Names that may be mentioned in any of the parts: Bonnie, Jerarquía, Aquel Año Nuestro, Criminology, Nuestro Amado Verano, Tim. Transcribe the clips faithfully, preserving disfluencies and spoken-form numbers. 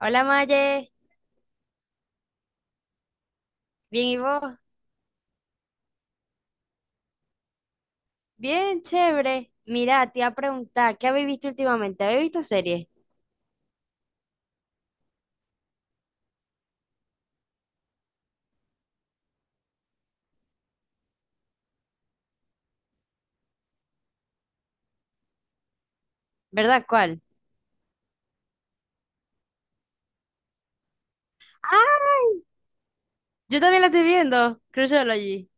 Hola Maye, bien y vos, bien chévere. Mira, te iba a preguntar, ¿qué habéis visto últimamente? ¿Habéis visto series? ¿Verdad? ¿Cuál? Ay, yo también la estoy viendo, Criminology.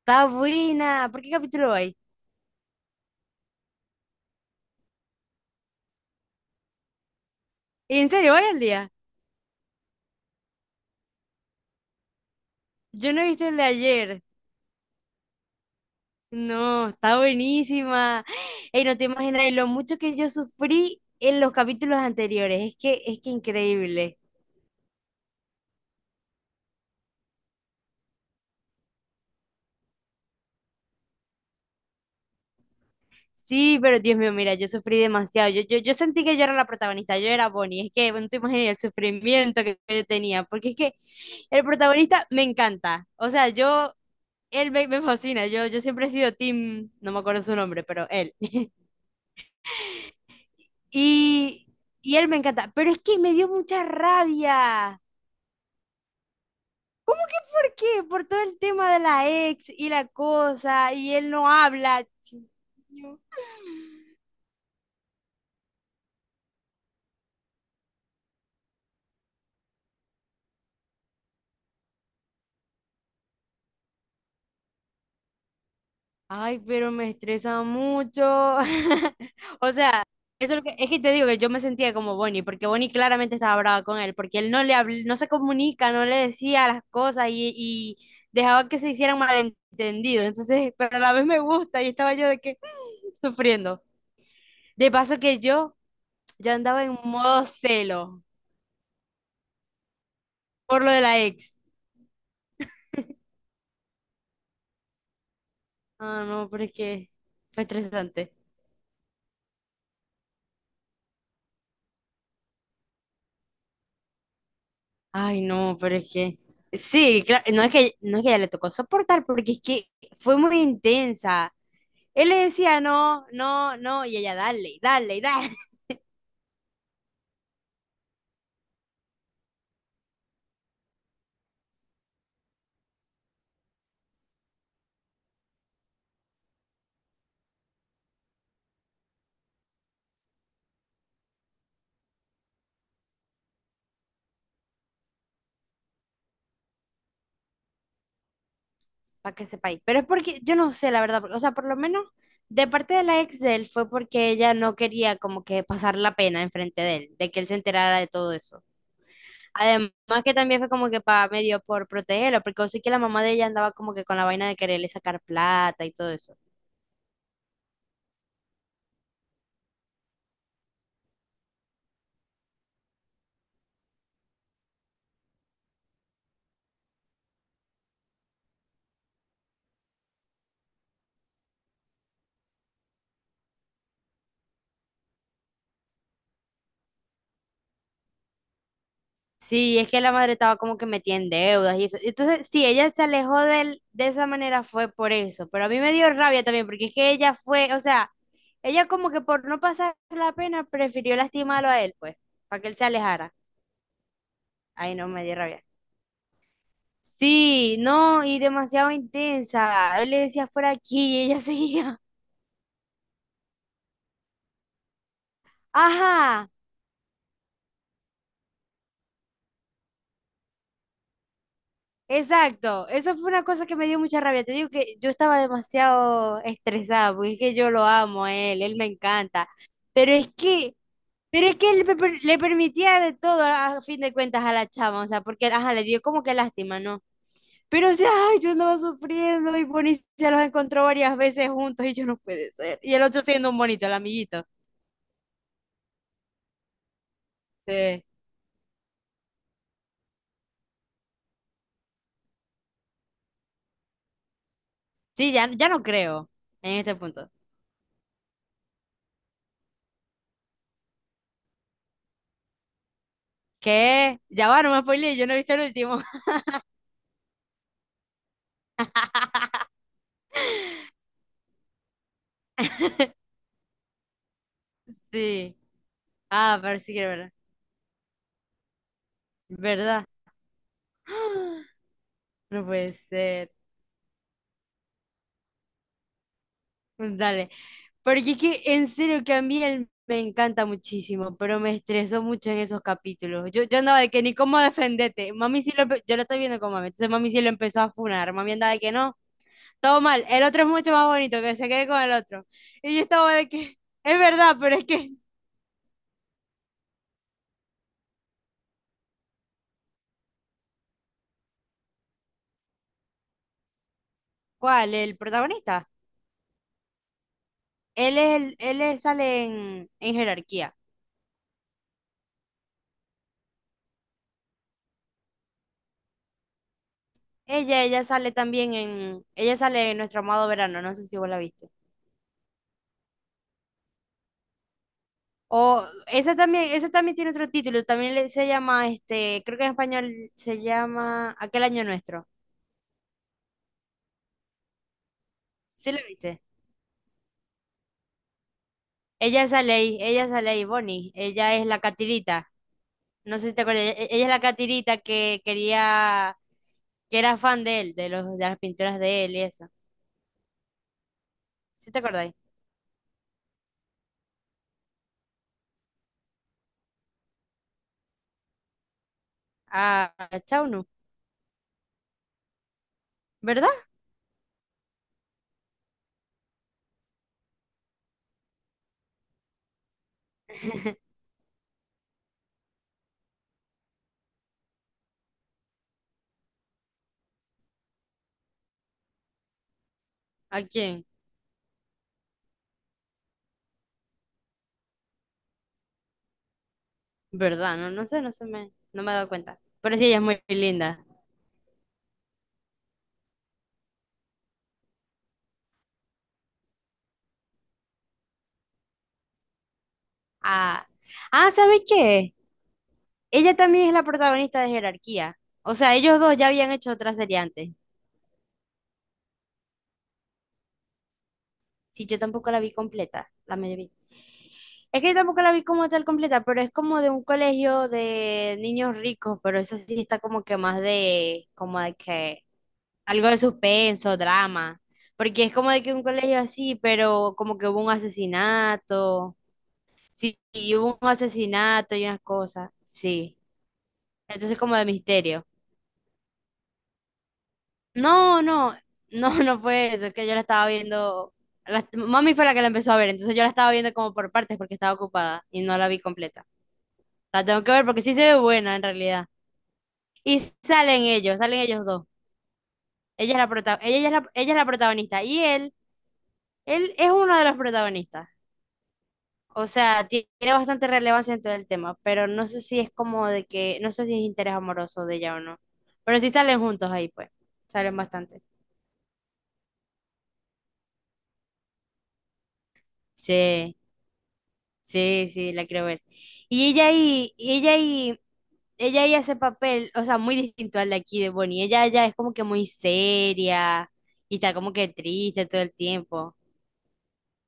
Está buena. ¿Por qué capítulo hay? ¿En serio? ¿Hoy al día? Yo no he visto el de ayer. No, está buenísima. Ey, no te imaginas lo mucho que yo sufrí en los capítulos anteriores. Es que es que increíble. Sí, pero Dios mío, mira, yo sufrí demasiado. Yo, yo, yo sentí que yo era la protagonista, yo era Bonnie. Es que no te imaginas el sufrimiento que yo tenía, porque es que el protagonista me encanta. O sea, yo, él me, me fascina. Yo, yo siempre he sido Tim, no me acuerdo su nombre, pero él. Y, y él me encanta. Pero es que me dio mucha rabia. ¿Cómo que por qué? Por todo el tema de la ex y la cosa, y él no habla. Dios mío. Ay, pero me estresa mucho. O sea, eso es, lo que, es que te digo que yo me sentía como Bonnie, porque Bonnie claramente estaba brava con él, porque él no le habl- no se comunica, no le decía las cosas y, y dejaba que se hicieran malentendidos. Entonces, pero a la vez me gusta y estaba yo de que sufriendo. De paso que yo ya andaba en modo celo por lo de la ex. Ah, no, pero es que fue estresante. Ay, no, pero es que sí, claro, no es que no es que ella le tocó soportar, porque es que fue muy intensa. Él le decía no, no, no, y ella dale, dale, dale, para que sepáis. Pero es porque yo no sé, la verdad, porque, o sea, por lo menos de parte de la ex de él fue porque ella no quería como que pasar la pena enfrente de él, de que él se enterara de todo eso. Además que también fue como que para medio por protegerlo, porque yo sé que la mamá de ella andaba como que con la vaina de quererle sacar plata y todo eso. Sí, es que la madre estaba como que metida en deudas y eso. Entonces, sí, ella se alejó de él de esa manera fue por eso, pero a mí me dio rabia también porque es que ella fue, o sea, ella como que por no pasar la pena prefirió lastimarlo a él, pues, para que él se alejara. Ay, no, me dio rabia. Sí, no, y demasiado intensa. Él le decía fuera aquí y ella seguía. Ajá. Exacto, eso fue una cosa que me dio mucha rabia. Te digo que yo estaba demasiado estresada, porque es que yo lo amo a él, él me encanta. Pero es que, pero es que él pe- per- le permitía de todo a fin de cuentas a la chama, o sea, porque ajá, le dio como que lástima, ¿no? Pero o sea, ay, yo andaba sufriendo y Bonnie se los encontró varias veces juntos y yo no puede ser. Y el otro siendo un bonito, el amiguito. Sí. Sí, ya, ya no creo en este punto. ¿Qué? Ya va, no me spoileé, yo no he visto el último. Sí. Ah, ver si quiero verla. ¿Verdad? ¡Ah! No puede ser. Pues dale. Porque es que en serio que a mí él me encanta muchísimo, pero me estresó mucho en esos capítulos. Yo, yo andaba de que ni cómo defenderte. Mami sí lo empe- yo lo estoy viendo con mami. Entonces mami sí lo empezó a funar. Mami andaba de que no, todo mal. El otro es mucho más bonito, que se quede con el otro. Y yo estaba de que, es verdad, pero es que. ¿Cuál? ¿El protagonista? Él es el, él es- sale en, en jerarquía. Ella, ella sale también en, ella sale en Nuestro Amado Verano, no sé si vos la viste. O esa también, esa también tiene otro título, también le- se llama, este, creo que en español se llama Aquel Año Nuestro. ¿Sí la viste? Ella sale ahí, ella sale ahí, Bonnie, ella es la catirita, no sé si te acuerdas, e- ella es la catirita que quería, que era fan de él, de los, de las pinturas de él y eso. ¿Sí te acordáis? A, a Chauno, ¿verdad? ¿A quién? ¿Verdad? No, no sé, no se me, no me he dado cuenta. Pero sí, ella es muy linda. Ah, ah, ¿sabes qué? Ella también es la protagonista de Jerarquía. O sea, ellos dos ya habían hecho otra serie antes. Sí, yo tampoco la vi completa, la medio vi. Es que yo tampoco la vi como tal completa, pero es como de un colegio de niños ricos, pero esa sí está como que más de, como de que, algo de suspenso, drama. Porque es como de que un colegio así, pero como que hubo un asesinato. Sí, y hubo un asesinato y unas cosas, sí. Entonces como de misterio. No, no, no, no fue eso, es que yo la estaba viendo, la- mami fue la que la empezó a ver, entonces yo la estaba viendo como por partes porque estaba ocupada y no la vi completa. La tengo que ver porque sí se ve buena en realidad. Y salen ellos, salen ellos dos. Ella es la prota- ella es la, ella es la protagonista y él, él es uno de los protagonistas. O sea, ti- tiene bastante relevancia en todo el tema, pero no sé si es como de que, no sé si es interés amoroso de ella o no. Pero sí salen juntos ahí, pues. Salen bastante. Sí, sí, sí, la quiero ver. Y ella ahí, y ella ahí, ella ahí hace papel, o sea, muy distinto al de aquí de Bonnie. Ella ya es como que muy seria y está como que triste todo el tiempo.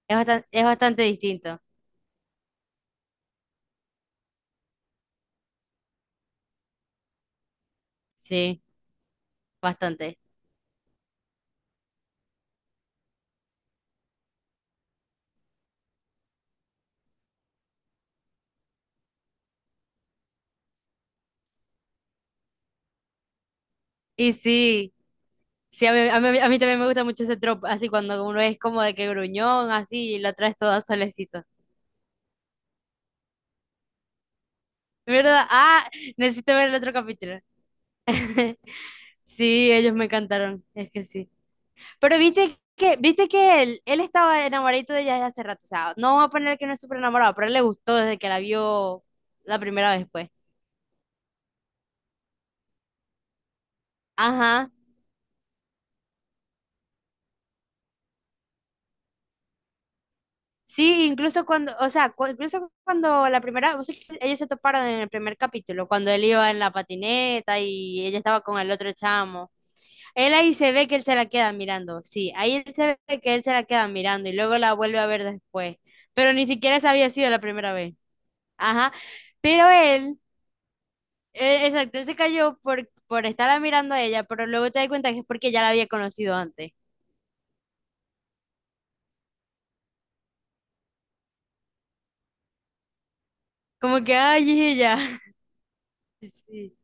Es bastante, es bastante distinto. Sí, bastante. Y sí. Sí, a mí, a mí- a mí también me gusta mucho ese tropo, así cuando uno es como de que gruñón, así, y lo traes todo solecito. ¿Verdad? Ah, necesito ver el otro capítulo. Sí, ellos me encantaron, es que sí. Pero viste que, viste que él, él estaba enamoradito de ella desde hace rato, o sea, no vamos a poner que no es súper enamorado, pero él le gustó desde que la vio la primera vez, pues. Ajá. Sí, incluso cuando, o sea, cu- incluso cuando la primera, vos sabés que ellos se toparon en el primer capítulo, cuando él iba en la patineta y ella estaba con el otro chamo. Él ahí se ve que él se la queda mirando, sí, ahí él se ve que él se la queda mirando y luego la vuelve a ver después, pero ni siquiera esa había sido la primera vez. Ajá, pero él, eh, exacto, él se cayó por, por estarla mirando a ella, pero luego te das cuenta que es porque ya la había conocido antes. Como que, ay, es ella. Sí,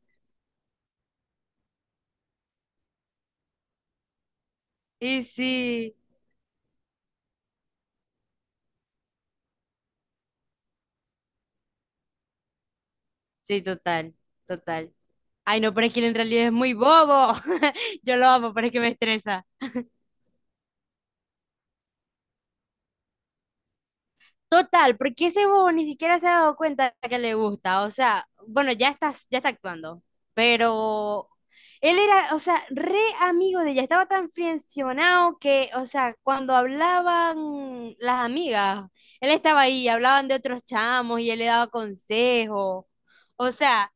y sí. Sí, total, total. Ay, no, pero es que él en realidad es muy bobo. Yo lo amo, pero es que me estresa. Total, porque ese bobo ni siquiera se ha dado cuenta que le gusta. O sea, bueno, ya está, ya está actuando, pero él era, o sea, re amigo de ella. Estaba tan friccionado que, o sea, cuando hablaban las amigas, él estaba ahí, hablaban de otros chamos y él le daba consejos. O sea,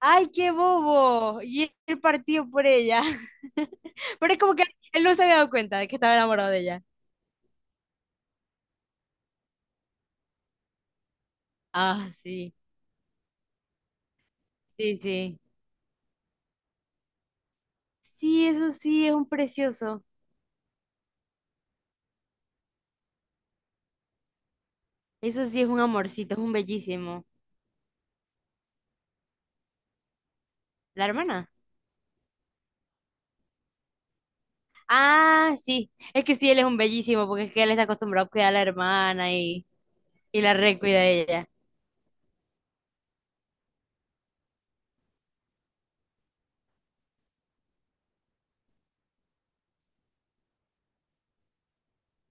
¡ay, qué bobo! Y él partió por ella. Pero es como que él no se había dado cuenta de que estaba enamorado de ella. Ah, sí, sí, sí. Sí, eso sí es un precioso. Eso sí es un amorcito, es un bellísimo. ¿La hermana? Ah, sí. Es que sí, él es un bellísimo, porque es que él está acostumbrado a cuidar a la hermana y, y la recuida de ella.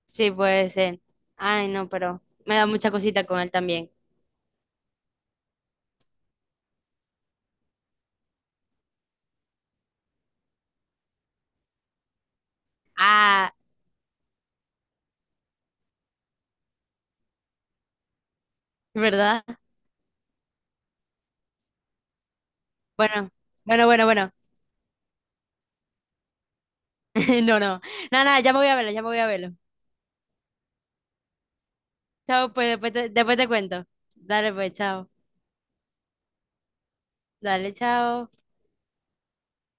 Sí, puede ser. Ay, no, pero me da mucha cosita con él también. Ah, ¿verdad? Bueno, bueno, bueno, bueno. No, no. Nada, nada, ya me voy a verlo, ya me voy a verlo. Chao, pues después te, después te cuento. Dale, pues, chao. Dale, chao.